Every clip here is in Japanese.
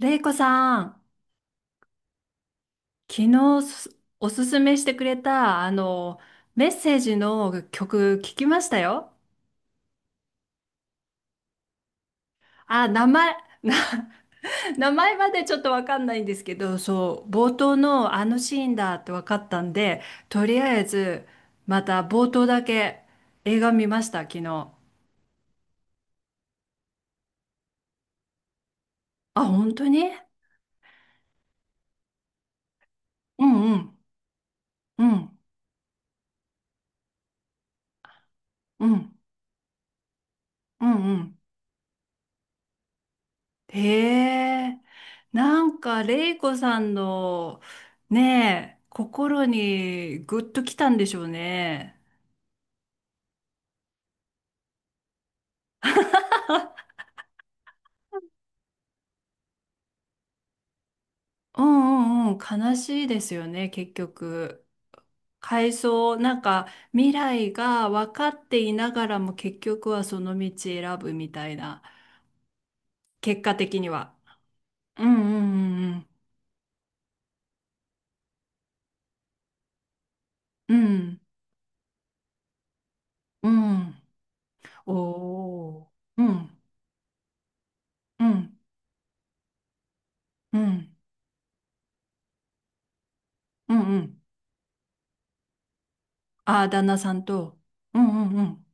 れいこさん、昨日おすすめしてくれた、メッセージの曲聞きましたよ。あ、名前、名前までちょっとわかんないんですけど、そう、冒頭のあのシーンだってわかったんで、とりあえず、また冒頭だけ映画見ました、昨日。あ、本当に。うんうん、うん、うん、うん、うん。へえ、なんか、レイコさんの、ねえ、心にグッときたんでしょうね。うんうんうん、悲しいですよね、結局。回想、なんか、未来が分かっていながらも結局はその道選ぶみたいな、結果的には。うんうんうんうん。うん。うん。おー。うんうんうんうんうん。ああ、旦那さんと。うんうんうん。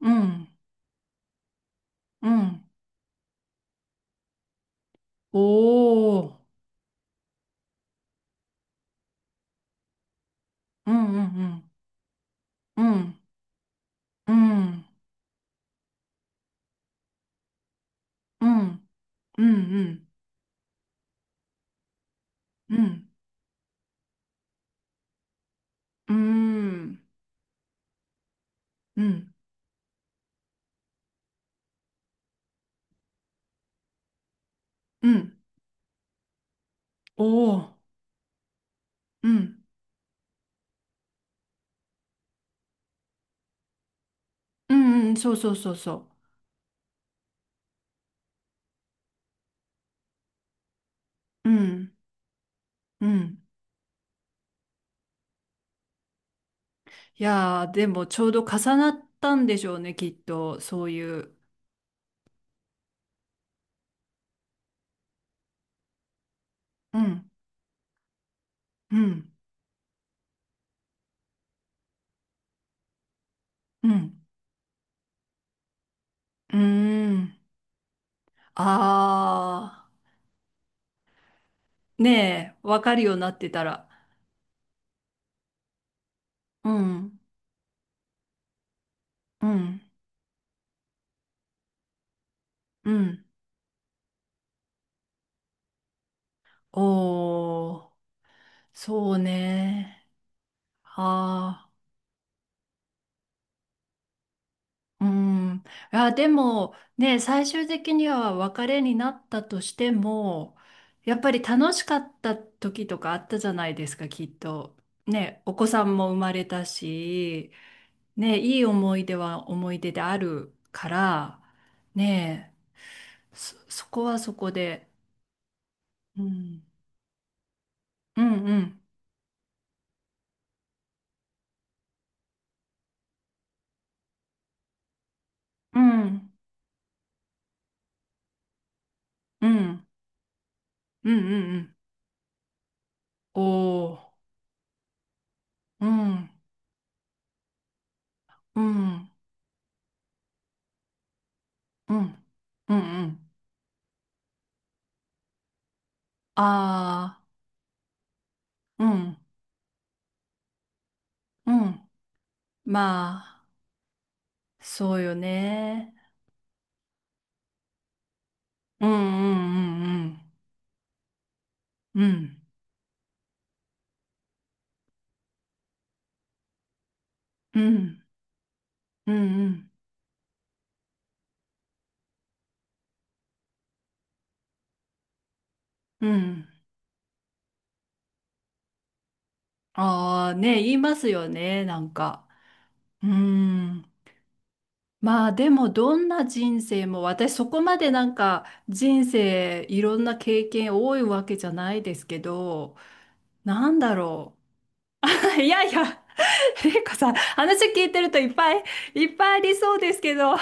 うん。うん。おー。うんうんうん。うん。うん。うんうん。うん。うん。うん。おー。うん。うんうん。そうそうそうそう。うん。うん。いやー、でもちょうど重なったんでしょうね、きっと。そういう。うん。うん。うん。うーん。あー。ねえ、わかるようになってたら。うん。うん。うん。おー。そうね。ああ、うん。あ、でもね、最終的には別れになったとしても、やっぱり楽しかった時とかあったじゃないですか、きっと。ね、お子さんも生まれたし、ね、いい思い出は思い出であるから、ね、そこはそこで、うん、うんうんうんうんうんうんうんおーうんうんうん、うん、うん。ああ、うん、うん。まあ、そうよね。うん、うん、うん、うん。うん、うん、うん、うん。ああ、ね、言いますよね、なんか。うーん。まあ、でも、どんな人生も、私、そこまでなんか、人生、いろんな経験多いわけじゃないですけど、なんだろう。いやいや、玲子さん、話聞いてるといっぱいいっぱいありそうですけど、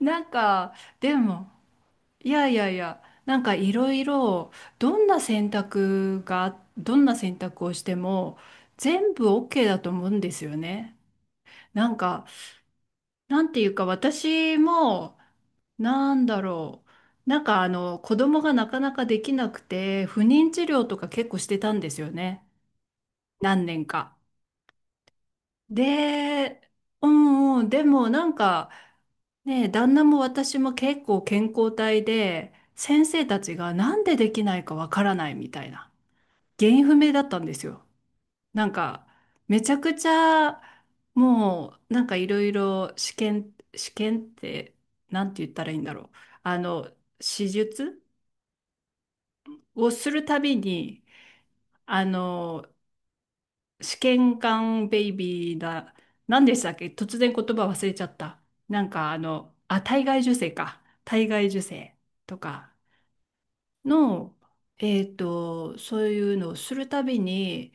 なんか、でも、いやいやいや、なんかいろいろ、どんな選択をしても、全部 OK だと思うんですよね。なんか、なんていうか、私も、なんだろう、なんか子供がなかなかできなくて、不妊治療とか結構してたんですよね。何年か。で、うんうん、でもなんか、ねえ、旦那も私も結構健康体で、先生たちがなんでできないかわからないみたいな、原因不明だったんですよ。なんか、めちゃくちゃ、もう、なんかいろいろ試験って、なんて言ったらいいんだろう。あの、手術をするたびに、あの、試験管ベイビーだ、何でしたっけ突然言葉忘れちゃった。なんかあ、体外受精か。体外受精とか。の、えっと、そういうのをするたびに、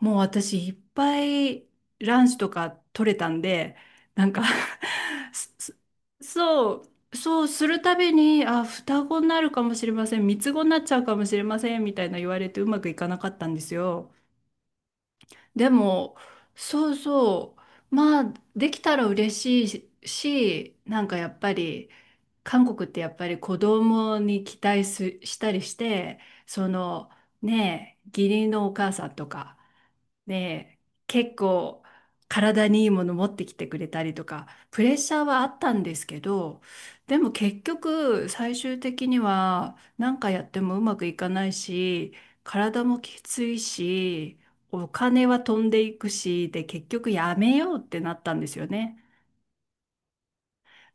もう私いっぱいランチとか取れたんで、なんか すすそう、そうするたびに、あ、双子になるかもしれません、三つ子になっちゃうかもしれません、みたいな言われてうまくいかなかったんですよ。でも、そうそう、まあ、できたら嬉しいし、なんかやっぱり、韓国ってやっぱり子供に期待したりして、そのねえ、義理のお母さんとか、ねえ、結構体にいいもの持ってきてくれたりとか、プレッシャーはあったんですけど、でも結局最終的には何かやってもうまくいかないし、体もきついし、お金は飛んでいくし、で結局やめようってなったんですよね。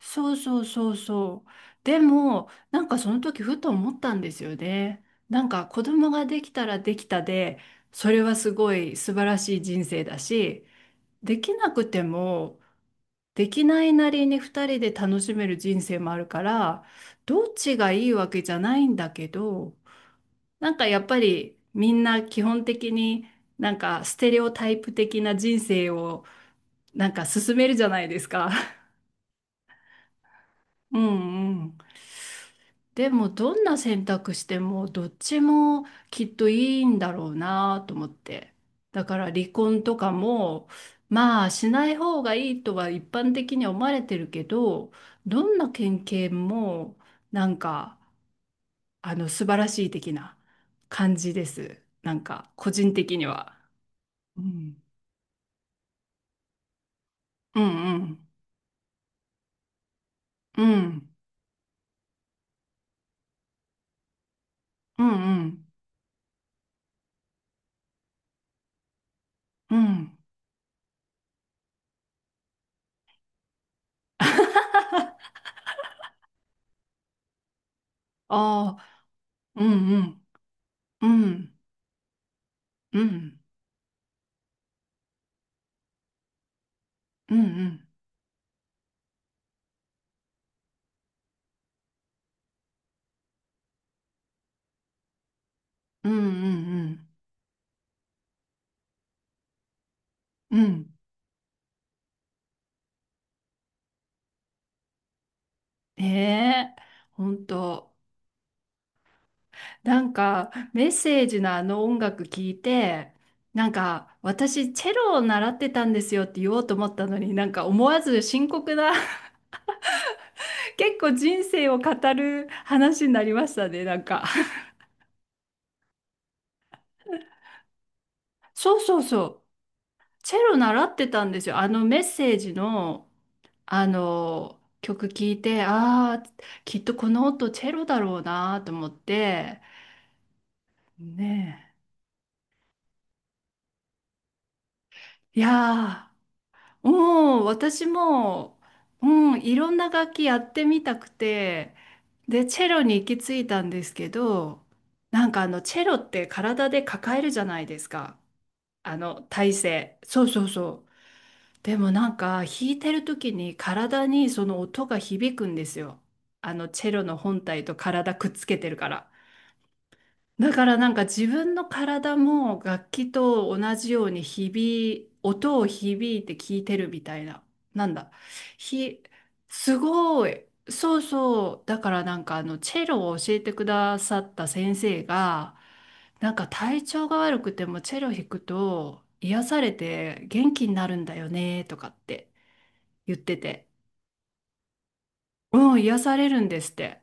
そうそうそうそう。でも、なんかその時ふと思ったんですよね。なんか子供ができたらできたで、それはすごい素晴らしい人生だし、できなくても、できないなりに二人で楽しめる人生もあるから、どっちがいいわけじゃないんだけど、なんかやっぱりみんな基本的になんかステレオタイプ的な人生をなんか進めるじゃないですか。うんうん。でもどんな選択してもどっちもきっといいんだろうなと思って。だから離婚とかもまあしない方がいいとは一般的には思われてるけど、どんな県警もなんか素晴らしい的な感じです。なんか個人的には。うんうんうんうんうんうんうんああーうんうんうんうんうんうんうんうんうんうん。ねえ、本当。なんか、メッセージのあの音楽聞いて、なんか、私、チェロを習ってたんですよって言おうと思ったのに、なんか思わず深刻な、結構人生を語る話になりましたね、なんか。そうそうそう。チェロ習ってたんですよ。あのメッセージの、曲聞いて、ああ、きっとこの音チェロだろうなと思って、ねえ。いやー。うん、私も、うん、いろんな楽器やってみたくて、で、チェロに行き着いたんですけど、なんかチェロって体で抱えるじゃないですか。体勢。そうそうそう。でもなんか、弾いてる時に体にその音が響くんですよ。チェロの本体と体くっつけてるから。だからなんか自分の体も楽器と同じように音を響いて聞いてるみたいな。なんだ。ひ、すごい。そうそう。だからなんかチェロを教えてくださった先生が、なんか体調が悪くてもチェロ弾くと癒されて元気になるんだよねとかって言ってて。うん、癒されるんですって。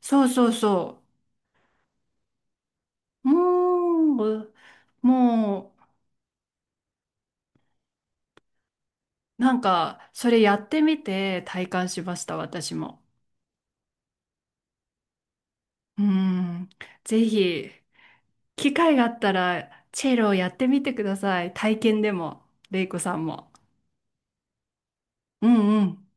そうそうそう。もう、なんか、それやってみて体感しました、私も。うん。ぜひ、機会があったら、チェロをやってみてください。体験でも、レイコさんも。うんうん。